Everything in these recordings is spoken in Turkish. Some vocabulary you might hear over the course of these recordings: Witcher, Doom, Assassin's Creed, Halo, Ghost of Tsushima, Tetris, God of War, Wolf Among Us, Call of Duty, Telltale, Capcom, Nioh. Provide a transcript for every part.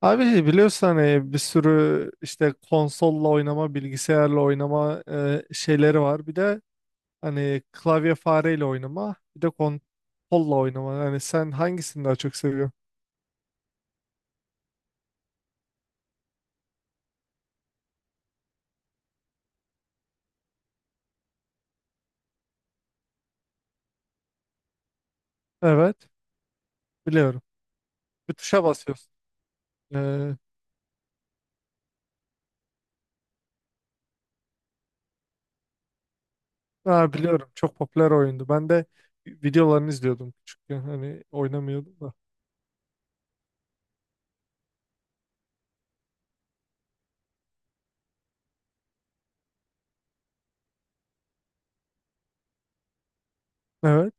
Abi biliyorsun hani bir sürü işte konsolla oynama, bilgisayarla oynama şeyleri var. Bir de hani klavye fareyle oynama, bir de konsolla oynama. Yani sen hangisini daha çok seviyorsun? Evet, biliyorum. Bir tuşa basıyorsun. Ee, ha, biliyorum. Çok popüler oyundu. Ben de videolarını izliyordum küçükken. Hani oynamıyordum da. Evet.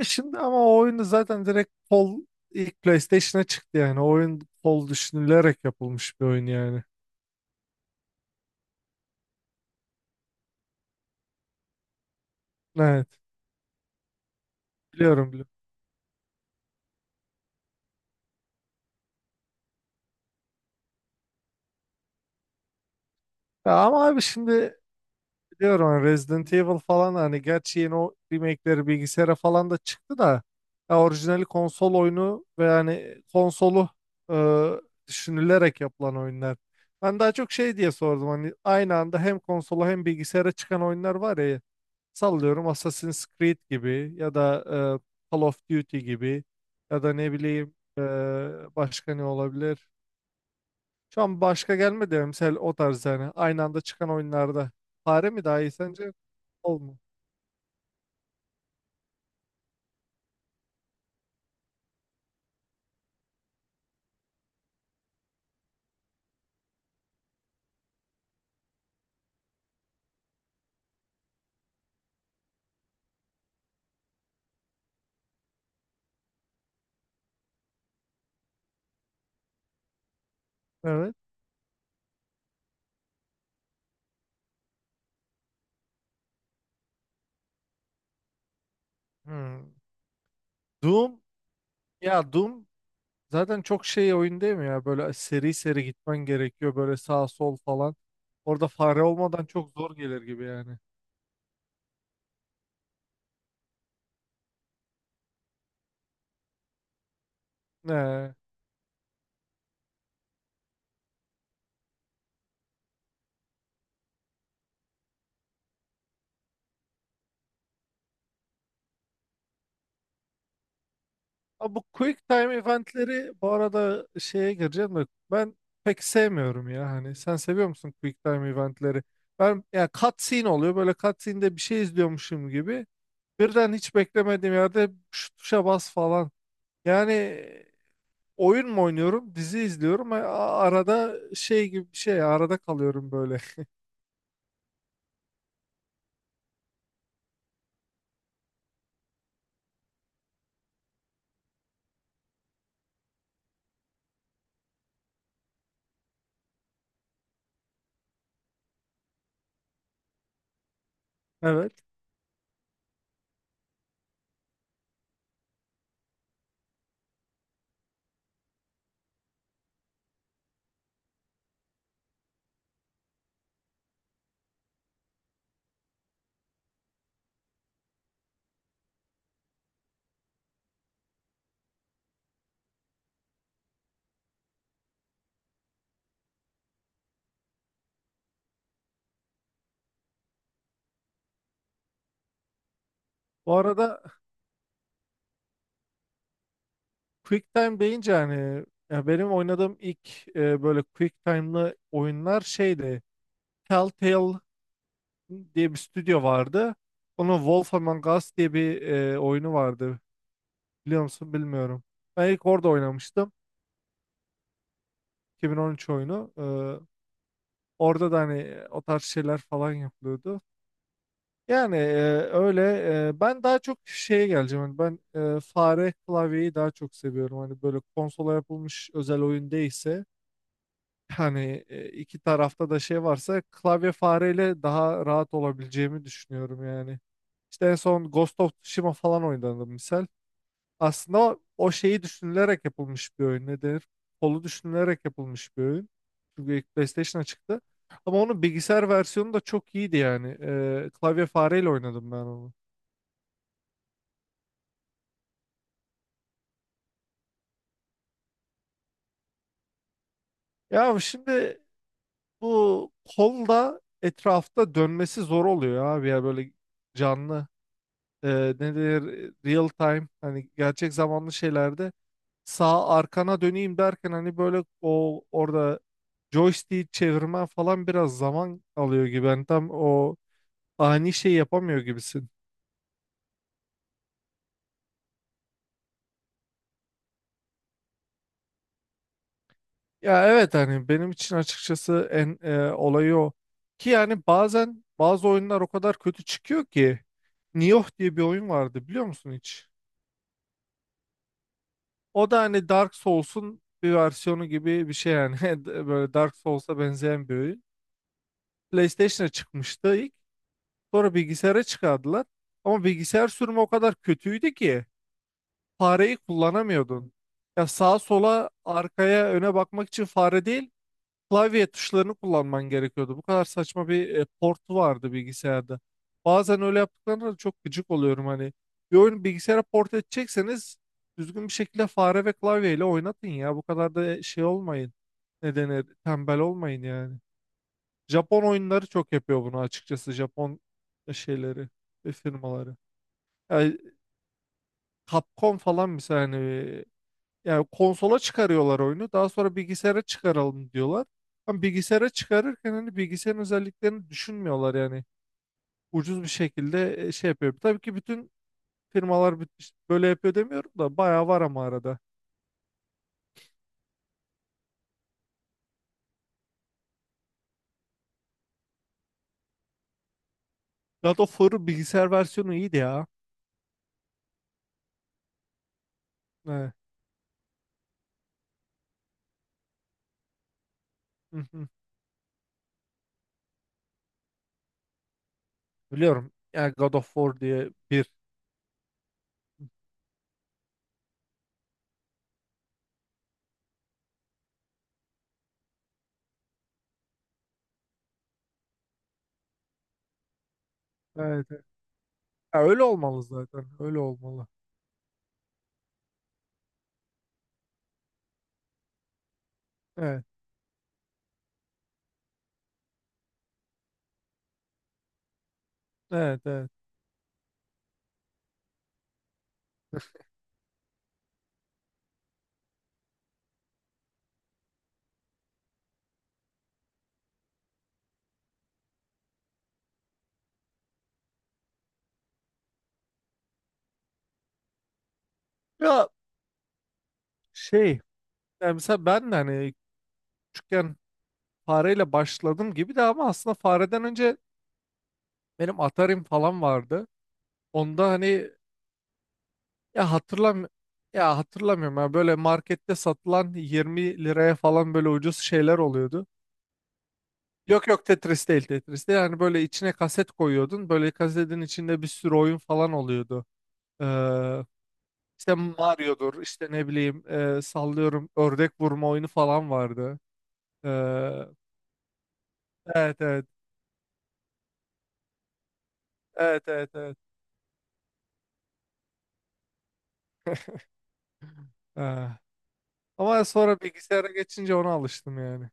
Şimdi ama o oyunu zaten direkt ilk PlayStation'a çıktı yani. O oyun kol düşünülerek yapılmış bir oyun yani. Evet. Biliyorum, biliyorum. Ya ama abi şimdi biliyorum hani Resident Evil falan hani gerçi yeni o remake'leri bilgisayara falan da çıktı da ya orijinali konsol oyunu ve yani konsolu e, düşünülerek yapılan oyunlar. Ben daha çok şey diye sordum hani aynı anda hem konsola hem bilgisayara çıkan oyunlar var ya, sallıyorum Assassin's Creed gibi ya da Call of Duty gibi ya da ne bileyim, başka ne olabilir? Şu an başka gelmedi ya mesela o tarz yani. Aynı anda çıkan oyunlarda. Fare mi daha iyi sence? Olmu? Evet. Hmm. Doom. Ya Doom zaten çok şey oyun değil mi ya? Böyle seri seri gitmen gerekiyor. Böyle sağ sol falan. Orada fare olmadan çok zor gelir gibi yani. Ne? Ama bu quick time eventleri bu arada şeye gireceğim de ben pek sevmiyorum ya, hani sen seviyor musun quick time eventleri? Ben ya cutscene oluyor, böyle cutscene'de bir şey izliyormuşum gibi, birden hiç beklemediğim yerde şu tuşa bas falan. Yani oyun mu oynuyorum, dizi izliyorum. Arada şey gibi bir şey, arada kalıyorum böyle. Evet. Bu arada Quick Time deyince hani ya benim oynadığım ilk böyle Quick Time'lı oyunlar şeydi. Telltale diye bir stüdyo vardı. Onun Wolf Among Us diye bir oyunu vardı. Biliyor musun? Bilmiyorum. Ben ilk orada oynamıştım. 2013 oyunu. Orada da hani o tarz şeyler falan yapılıyordu. Yani öyle, ben daha çok şeye geleceğim. Hani ben fare klavyeyi daha çok seviyorum. Hani böyle konsola yapılmış özel oyun değilse hani iki tarafta da şey varsa klavye fareyle daha rahat olabileceğimi düşünüyorum yani. İşte en son Ghost of Tsushima falan oynadım misal. Aslında o şeyi düşünülerek yapılmış bir oyun. Ne denir? Kolu düşünülerek yapılmış bir oyun. Çünkü ilk PlayStation'a çıktı. Ama onun bilgisayar versiyonu da çok iyiydi yani. Klavye fareyle oynadım ben onu. Ya şimdi bu kol da etrafta dönmesi zor oluyor abi ya, böyle canlı. Ee, ne denir? Real time hani, gerçek zamanlı şeylerde sağ arkana döneyim derken hani böyle o orada joystick çevirmen falan biraz zaman alıyor gibi. Hani tam o ani şey yapamıyor gibisin. Ya evet, hani benim için açıkçası en olayı o. Ki yani bazen bazı oyunlar o kadar kötü çıkıyor ki, Nioh diye bir oyun vardı, biliyor musun hiç? O da hani Dark Souls'un bir versiyonu gibi bir şey yani. Böyle Dark Souls'a benzeyen bir oyun. PlayStation'a çıkmıştı ilk. Sonra bilgisayara çıkardılar. Ama bilgisayar sürümü o kadar kötüydü ki fareyi kullanamıyordun. Ya sağa sola arkaya öne bakmak için fare değil, klavye tuşlarını kullanman gerekiyordu. Bu kadar saçma bir port vardı bilgisayarda. Bazen öyle yaptıklarında da çok gıcık oluyorum hani. Bir oyunu bilgisayara port edecekseniz düzgün bir şekilde fare ve klavyeyle oynatın ya. Bu kadar da şey olmayın. Ne denir? Tembel olmayın yani. Japon oyunları çok yapıyor bunu açıkçası. Japon şeyleri, firmaları. Yani Capcom falan mesela hani, yani konsola çıkarıyorlar oyunu. Daha sonra bilgisayara çıkaralım diyorlar. Ama bilgisayara çıkarırken hani bilgisayarın özelliklerini düşünmüyorlar yani. Ucuz bir şekilde şey yapıyor. Tabii ki bütün firmalar işte böyle yapıyor demiyorum da bayağı var ama arada. God of War'ın bilgisayar versiyonu iyiydi ya. Evet. Hı hı. Biliyorum. Yani God of War diye bir. Evet. Evet. Ya öyle olmalı zaten. Öyle olmalı. Evet, evet, evet. Ya şey, yani mesela ben de hani küçükken fareyle başladım gibi de, ama aslında fareden önce benim Atari'm falan vardı. Onda hani ya hatırlam ya hatırlamıyorum ya, böyle markette satılan 20 liraya falan böyle ucuz şeyler oluyordu. Yok yok, Tetris değil, Tetris değil. Yani böyle içine kaset koyuyordun. Böyle kasetin içinde bir sürü oyun falan oluyordu. Ee, işte Mario'dur, işte ne bileyim, sallıyorum ördek vurma oyunu falan vardı. Evet, evet. Evet, evet, evet. Ah. Ama sonra bilgisayara geçince ona alıştım yani.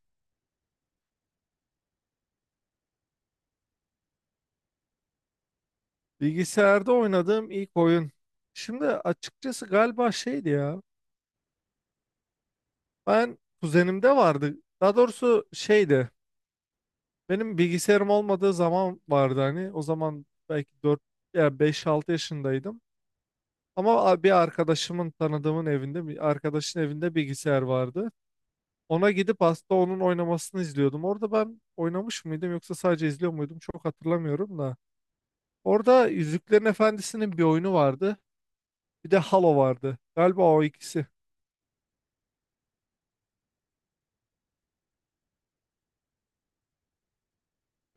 Bilgisayarda oynadığım ilk oyun. Şimdi açıkçası galiba şeydi ya. Ben kuzenimde vardı. Daha doğrusu şeydi. Benim bilgisayarım olmadığı zaman vardı hani. O zaman belki 4 ya beş altı yaşındaydım. Ama bir arkadaşımın, tanıdığımın evinde, bir arkadaşın evinde bilgisayar vardı. Ona gidip aslında onun oynamasını izliyordum. Orada ben oynamış mıydım yoksa sadece izliyor muydum, çok hatırlamıyorum da. Orada Yüzüklerin Efendisi'nin bir oyunu vardı. Bir de Halo vardı. Galiba o ikisi.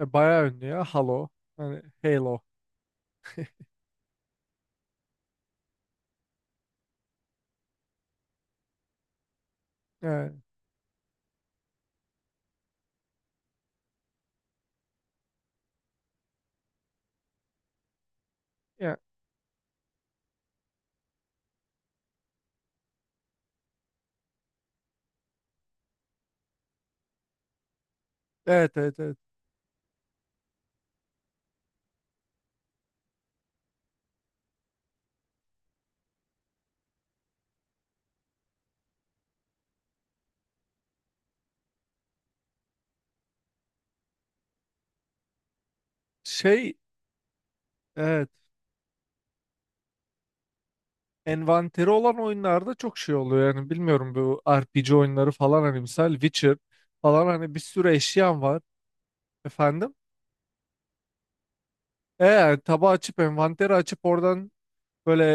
Bayağı ünlü ya Halo. Hani Halo. Yani, ya- Evet, evet, evet. Şey, evet. Envanteri olan oyunlarda çok şey oluyor yani, bilmiyorum, bu RPG oyunları falan hani misal Witcher falan, hani bir sürü eşyan var efendim. Yani tabağı açıp envanteri açıp oradan böyle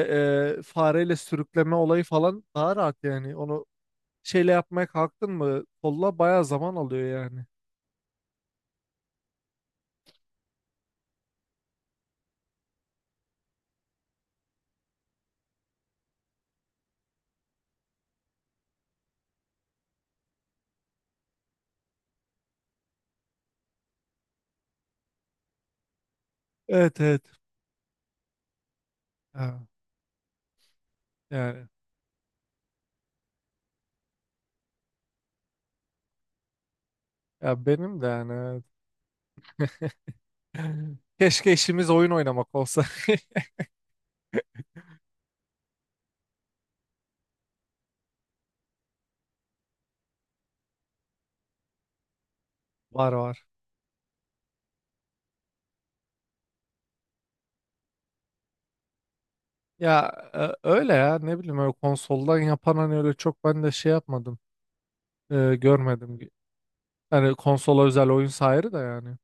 fareyle sürükleme olayı falan daha rahat yani, onu şeyle yapmaya kalktın mı kolla bayağı zaman alıyor yani. Evet, evet. Ha, yani ya benim de yani, evet. Keşke işimiz oyun oynamak olsa. Var, var. Ya öyle ya, ne bileyim, öyle konsoldan yapan hani öyle çok ben de şey yapmadım. Görmedim. Hani konsola özel oyun ayrı da yani.